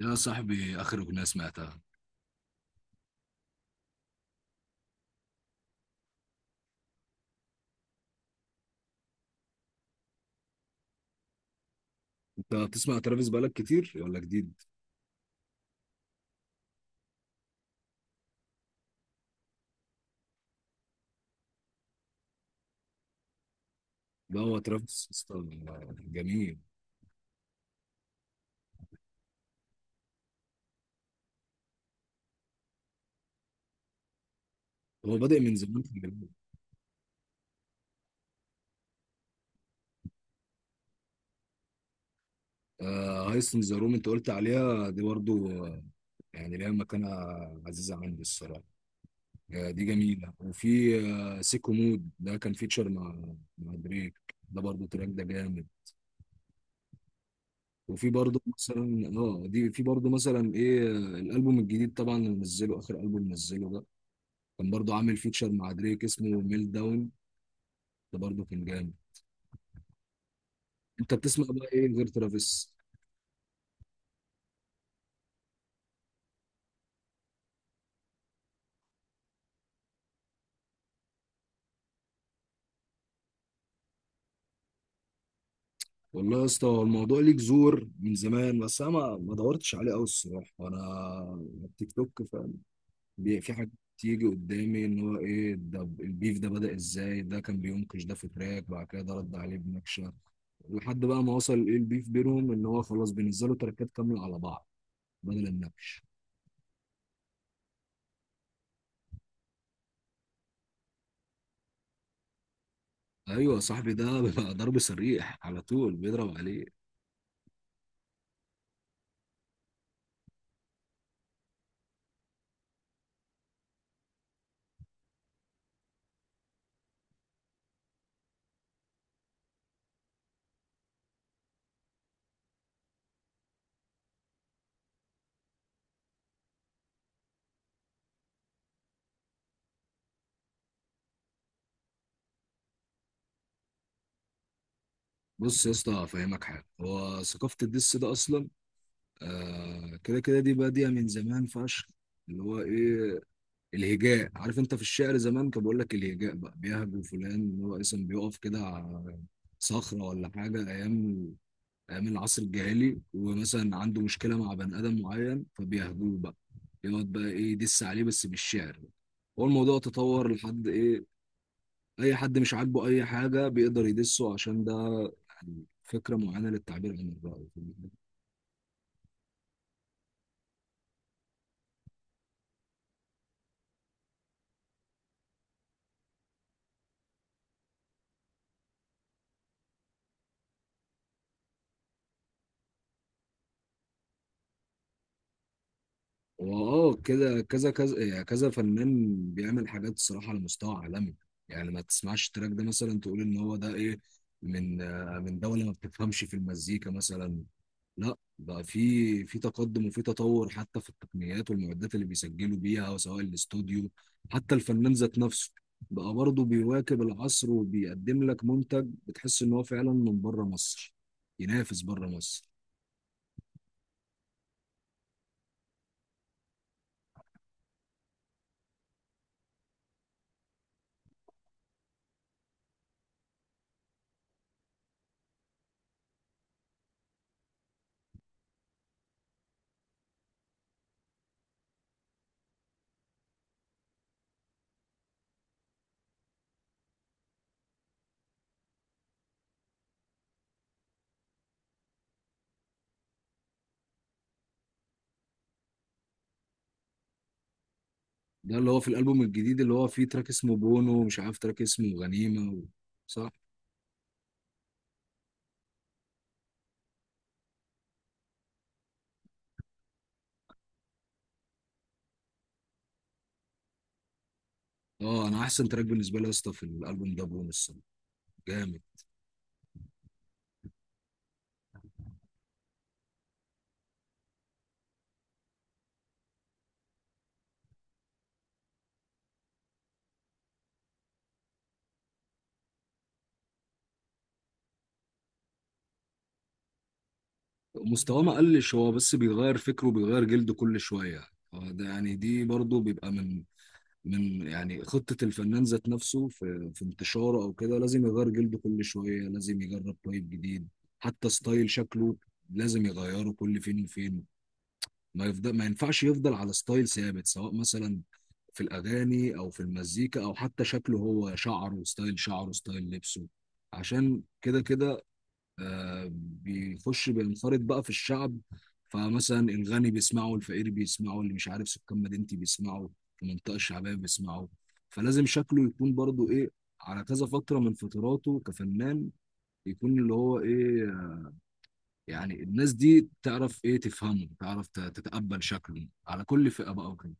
يا صاحبي، آخر أغنية سمعتها؟ أنت بتسمع ترافيس بقالك كتير ولا جديد؟ لا، هو ترافيس أصلاً جميل. هو بادئ من زمان، خلي بالك. آه، هايست إن ذا روم أنت قلت عليها دي برضو، يعني ليها مكانة عزيزة عندي الصراحة. آه، دي جميلة. وفي آه، سيكو مود ده، كان فيتشر مع دريك، ده برضو تراك ده جامد. وفي برضه مثلا، اه دي في برضه مثلا ايه، الالبوم الجديد طبعا اللي نزله، اخر البوم نزله ده، كان برضه عامل فيتشر مع دريك اسمه ميل داون، ده برضه كان جامد. انت بتسمع بقى ايه غير ترافيس؟ والله يا اسطى، هو الموضوع ليك زور من زمان، بس انا ما دورتش عليه قوي الصراحه. انا التيك توك فاهم، في حاجات تيجي قدامي ان هو ايه ده، البيف ده بدأ ازاي، ده كان بينكش، ده في تراك بعد كده ده رد عليه بنكشه، لحد بقى ما وصل ايه البيف بينهم ان هو خلاص بينزلوا تراكات كامله على بعض بدل النكش. ايوه صاحبي، ده بيبقى ضرب صريح على طول، بيضرب عليه. بص يا اسطى، افهمك حاجه، هو ثقافه الدس ده اصلا، آه، كده كده دي بادية من زمان فشخ. اللي هو ايه، الهجاء، عارف انت في الشعر زمان كان بيقول لك الهجاء بقى، بيهجو فلان اللي هو اصلا بيقف كده على صخرة ولا حاجة، ايام ايام العصر الجاهلي، ومثلا عنده مشكلة مع بني ادم معين فبيهجوه بقى، يقعد بقى ايه، يدس عليه بس بالشعر. هو الموضوع تطور لحد ايه، اي حد مش عاجبه اي حاجة بيقدر يدسه، عشان ده يعني فكرة معينة للتعبير عن الرأي. واه كده كذا كذا، يعني كذا فنان بيعمل حاجات الصراحه على مستوى عالمي، يعني ما تسمعش التراك ده مثلا تقول ان هو ده ايه، من من دوله ما بتفهمش في المزيكا مثلا. لا بقى، في تقدم وفي تطور حتى في التقنيات والمعدات اللي بيسجلوا بيها سواء الاستوديو، حتى الفنان ذات نفسه بقى برضه بيواكب العصر وبيقدم لك منتج بتحس ان هو فعلا من بره مصر، ينافس بره مصر. ده اللي هو في الالبوم الجديد اللي هو فيه تراك اسمه بونو، ومش عارف تراك اسمه غنيمه و... صح. اه، انا احسن تراك بالنسبه لي يا اسطى في الالبوم ده بونو، الصراحه جامد. مستواه ما قلش، هو بس بيغير فكره وبيغير جلده كل شويه. يعني ده يعني دي برضه بيبقى من يعني خطه الفنان ذات نفسه في انتشاره او كده، لازم يغير جلده كل شويه، لازم يجرب طيب جديد. حتى ستايل شكله لازم يغيره كل فين وفين، ما يفضل، ما ينفعش يفضل على ستايل ثابت، سواء مثلا في الاغاني او في المزيكا، او حتى شكله هو، شعره وستايل شعره وستايل لبسه. عشان كده كده آه بيخش، بينخرط بقى في الشعب، فمثلا الغني بيسمعه، الفقير بيسمعه، اللي مش عارف سكان مدينتي بيسمعه، المنطقه الشعبيه بيسمعه. فلازم شكله يكون برضو ايه، على كذا فتره من فتراته كفنان، يكون اللي هو ايه، يعني الناس دي تعرف ايه، تفهمه، تعرف تتقبل شكله على كل فئة بقى وكده.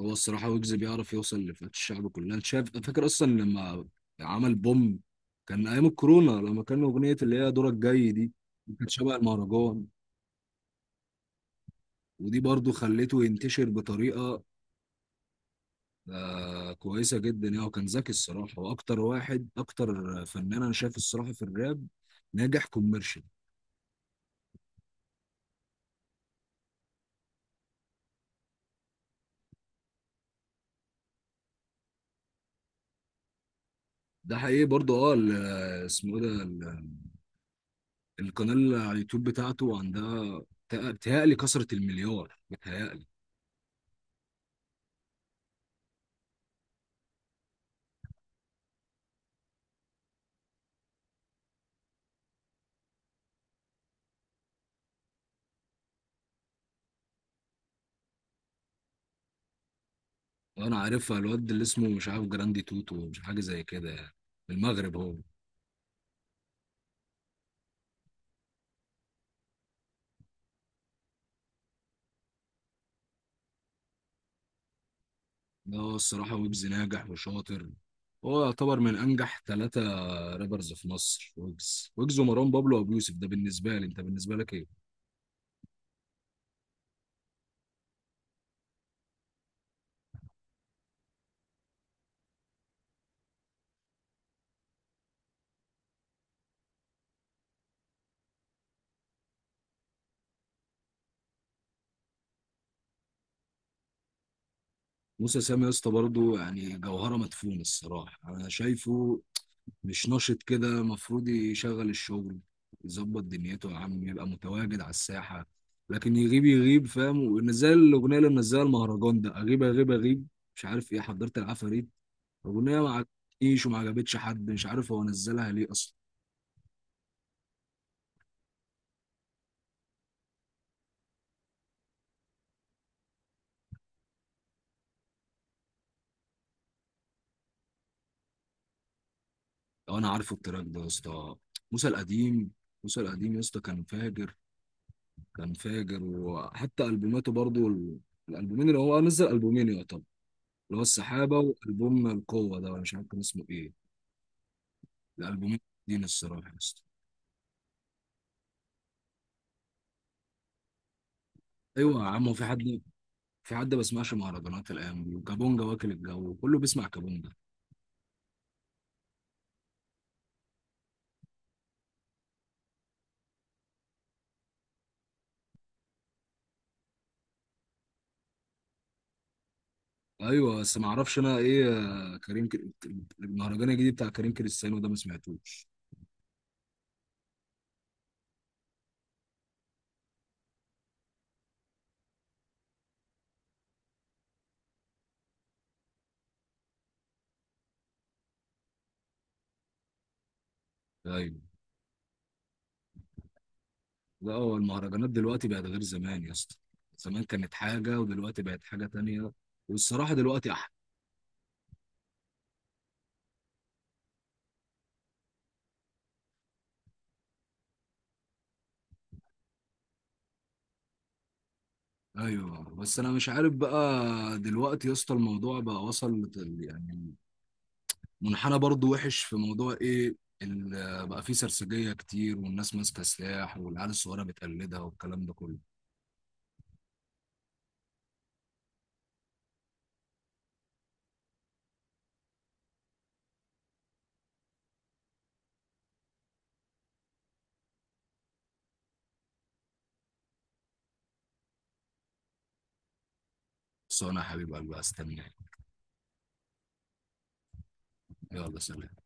هو الصراحة ويجز بيعرف يوصل لفئات الشعب كلها، انت شايف؟ فاكر اصلا لما عمل بوم، كان ايام الكورونا، لما كان اغنية اللي هي دورك جاي دي، كانت شبه المهرجان، ودي برضو خلته ينتشر بطريقة آه كويسة جدا يعني. وكان ذكي الصراحة، واكتر واحد، اكتر فنان انا شايف الصراحة في الراب ناجح كوميرشال. ده حقيقي برضو. اه، اسمه ايه ده، القناة اللي على اليوتيوب بتاعته عندها بتهيألي كسرت المليار بتهيألي. وأنا عارفها، الواد اللي اسمه مش عارف جراندي توتو مش حاجة زي كده يعني، من المغرب هو. ده هو الصراحة ويجز ناجح وشاطر، هو يعتبر من أنجح ثلاثة رابرز في مصر: ويجز، ومروان بابلو وأبو يوسف، ده بالنسبة لي، أنت بالنسبة لك إيه؟ موسى سام يا اسطى برضه يعني جوهرة مدفونة الصراحة أنا شايفه. مش نشط كده، المفروض يشغل الشغل، يظبط دنيته يا عم، يبقى متواجد على الساحة. لكن يغيب يغيب، فاهم؟ ونزل الأغنية اللي منزلها المهرجان ده، أغيب أغيب أغيب، مش عارف إيه، حضرت العفاريت. أغنية ما عجبتنيش وما عجبتش حد، مش عارف هو نزلها ليه أصلا. لو أنا عارفه التراك ده يا اسطى، موسى القديم، موسى القديم يا اسطى كان فاجر، كان فاجر. وحتى ألبوماته برضو الألبومين اللي هو نزل، ألبومين يعتبر، اللي هو السحابة وألبوم القوة ده، ولا مش عارف كان اسمه إيه الالبومات دي الصراحه يا اسطى. ايوه يا عم، هو في حد، في حد ما بيسمعش مهرجانات الايام دي؟ وكابونجا، واكل الجو كله بيسمع كابونجا. ايوه، بس ما اعرفش انا ايه، كريم المهرجان الجديد بتاع كريم كريستيانو ده ما سمعتوش. ايوه، لا هو المهرجانات دلوقتي بقت غير زمان يا اسطى، زمان كانت حاجه ودلوقتي بقت حاجه تانية، والصراحه دلوقتي احلى. ايوه، بس انا مش عارف بقى، دلوقتي يا اسطى الموضوع بقى وصل يعني منحنى برضو وحش في موضوع ايه، بقى فيه سرسجية كتير والناس ماسكة سلاح والعيال الصغيرة بتقلدها والكلام ده كله. بس انا يا حبيب قلبي استناك. يلا، سلام.